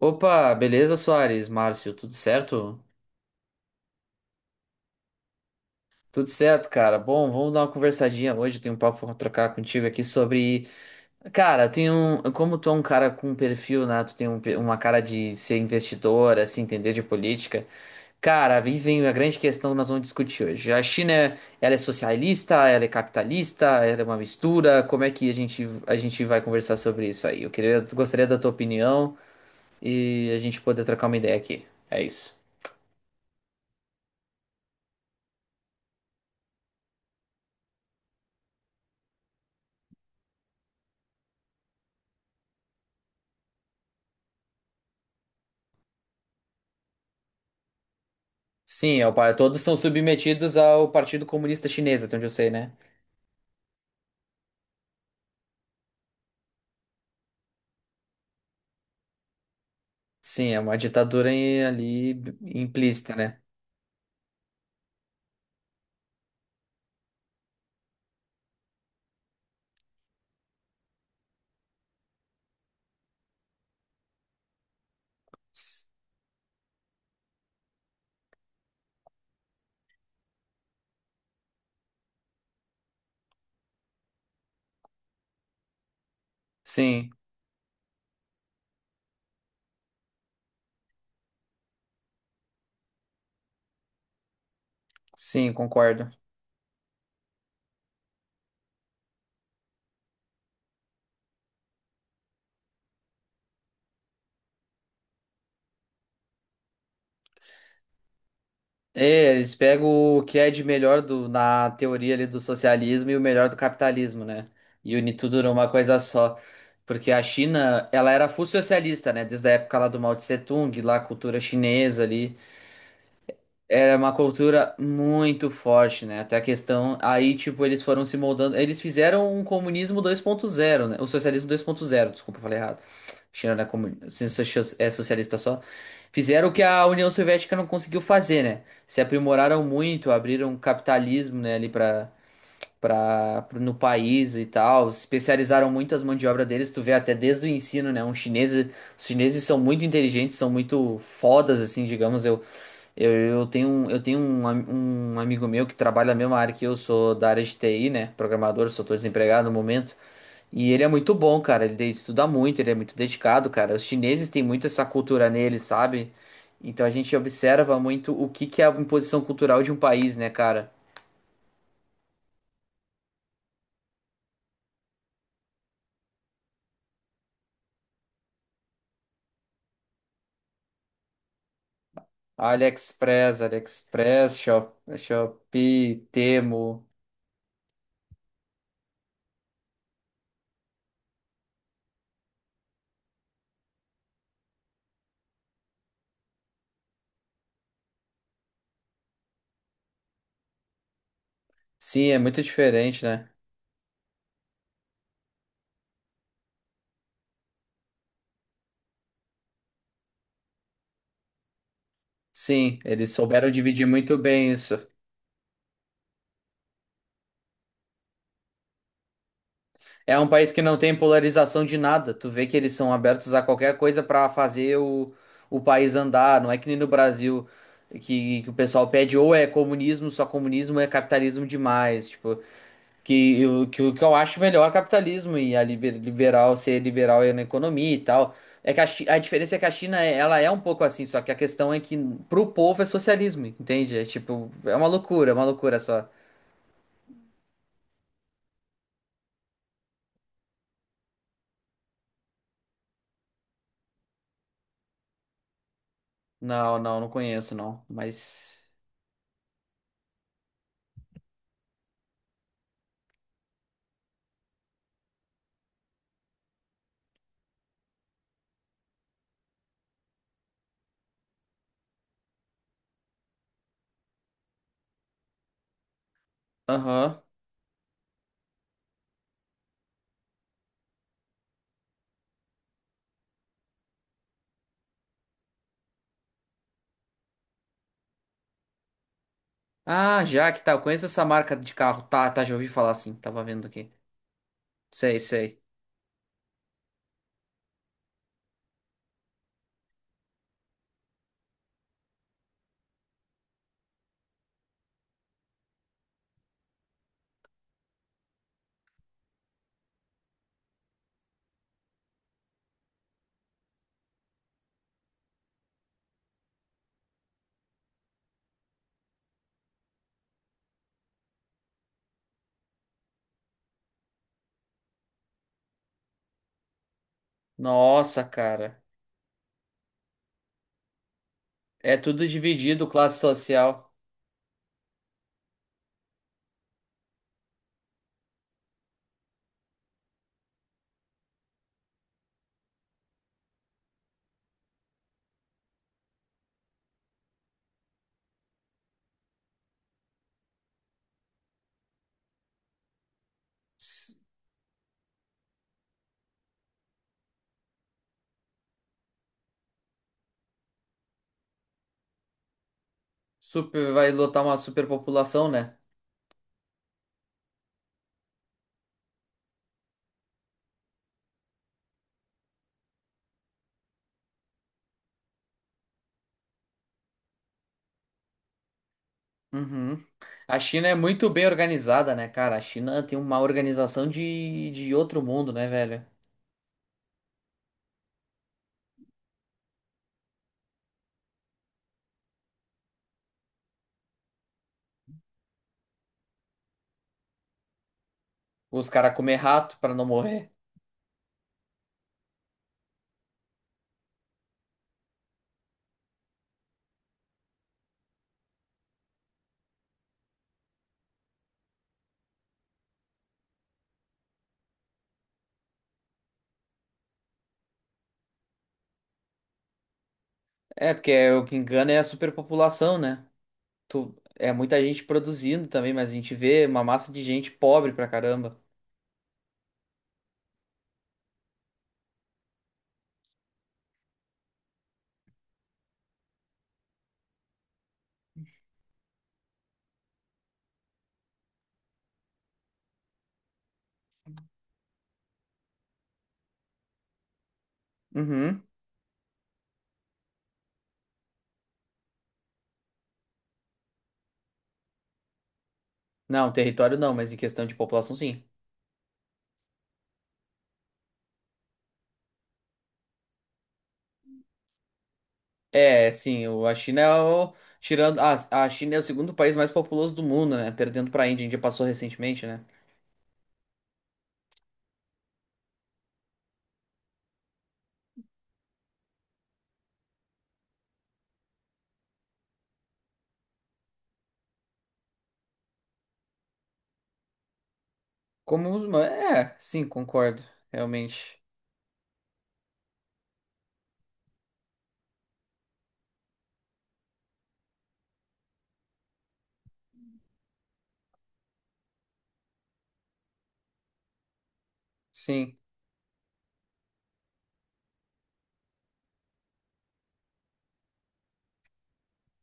Opa, beleza, Soares? Márcio, tudo certo? Tudo certo, cara. Bom, vamos dar uma conversadinha hoje. Eu tenho um papo pra trocar contigo aqui sobre. Cara, tem um. Como tu é um cara com perfil, né? Tu tem um uma cara de ser investidor, assim, entender de política. Cara, aí vem a grande questão que nós vamos discutir hoje. A China, ela é socialista, ela é capitalista, ela é uma mistura. Como é que a gente vai conversar sobre isso aí? Eu queria, gostaria da tua opinião e a gente poder trocar uma ideia aqui. É isso. Sim, é o todos são submetidos ao Partido Comunista Chinês, até onde eu sei, né? Sim, é uma ditadura ali implícita, né? S- Sim, sim, concordo. É, eles pegam o que é de melhor do, na teoria ali do socialismo e o melhor do capitalismo, né? E une tudo numa coisa só. Porque a China, ela era full socialista, né? Desde a época lá do Mao Tse Tung, lá a cultura chinesa ali. Era uma cultura muito forte, né? Até a questão. Aí, tipo, eles foram se moldando. Eles fizeram um comunismo 2.0, né? O socialismo 2.0, desculpa, eu falei errado. China não é comunista, é socialista só. Fizeram o que a União Soviética não conseguiu fazer, né? Se aprimoraram muito, abriram capitalismo, né, ali no país e tal. Especializaram muito as mãos de obra deles. Tu vê até desde o ensino, né? Um chinês, os chineses são muito inteligentes, são muito fodas, assim, digamos. Eu tenho, eu tenho um amigo meu que trabalha na mesma área que eu, sou da área de TI, né? Programador, só tô desempregado no momento. E ele é muito bom, cara. Estuda muito, ele é muito dedicado, cara. Os chineses têm muito essa cultura neles, sabe? Então a gente observa muito o que que é a imposição cultural de um país, né, cara? AliExpress, AliExpress, Shop, Shopee, Temu. Sim, é muito diferente, né? Sim, eles souberam dividir muito bem isso. É um país que não tem polarização de nada. Tu vê que eles são abertos a qualquer coisa pra fazer o país andar. Não é que nem no Brasil que o pessoal pede ou é comunismo, só comunismo é capitalismo demais. Tipo, o que eu acho melhor é capitalismo e a liberal ser liberal é na economia e tal. É que a diferença é que a ela é um pouco assim, só que a questão é que pro povo é socialismo, entende? É tipo, é uma loucura só. Não, não, não conheço não, mas aham. Ah, já que tá. Eu conheço essa marca de carro. Tá, tá, já ouvi falar assim. Tava vendo aqui. Sei, sei. Nossa, cara. É tudo dividido, classe social. S- Super, vai lotar uma superpopulação, né? Uhum. A China é muito bem organizada, né, cara? A China tem uma organização de outro mundo, né, velho? Os caras comem rato pra não morrer. É, o que engana é a superpopulação, né? É muita gente produzindo também, mas a gente vê uma massa de gente pobre pra caramba. Uhum. Não, território não, mas em questão de população, sim. É, sim, a China é o. Tirando, a China é o segundo país mais populoso do mundo, né? Perdendo pra Índia. A Índia passou recentemente, né? Como. Muçulmano- É, sim, concordo. Realmente. Sim.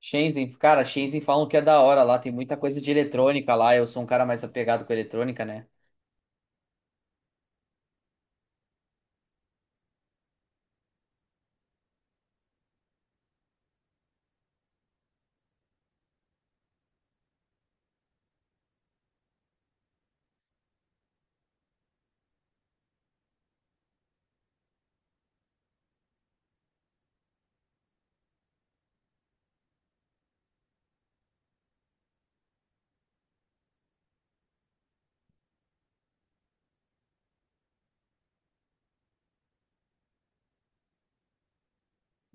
Shenzhen, cara, Shenzhen falam que é da hora lá. Tem muita coisa de eletrônica lá. Eu sou um cara mais apegado com eletrônica, né?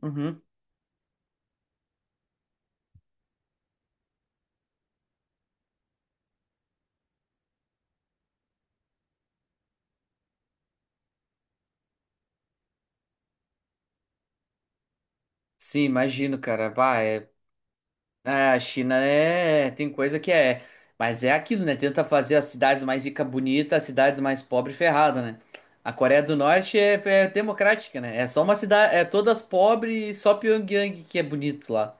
Uhum. Sim, imagino, cara. Bah, é. É, a China é, tem coisa que é, mas é aquilo, né? Tenta fazer as cidades mais ricas bonitas, as cidades mais pobres ferrada né? A Coreia do Norte é, é democrática, né? É só uma cidade, é todas pobres, só Pyongyang que é bonito lá.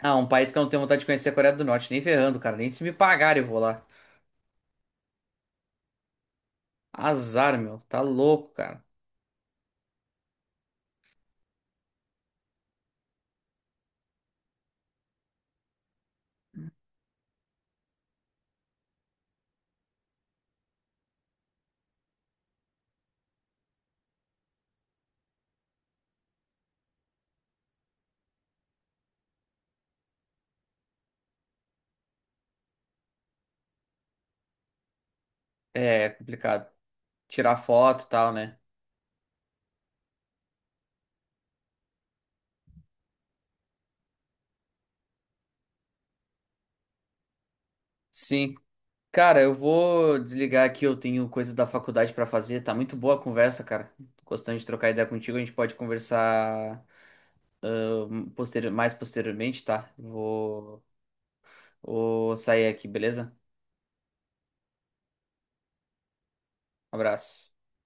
Ah, um país que eu não tenho vontade de conhecer é a Coreia do Norte, nem ferrando, cara, nem se me pagar eu vou lá. Azar, meu, tá louco, cara. É, é complicado. Tirar foto e tal, né? Sim, cara, eu vou desligar aqui, eu tenho coisa da faculdade pra fazer. Tá muito boa a conversa, cara. Tô gostando de trocar ideia contigo, a gente pode conversar mais posteriormente, tá? Vou sair aqui, beleza? Abraço.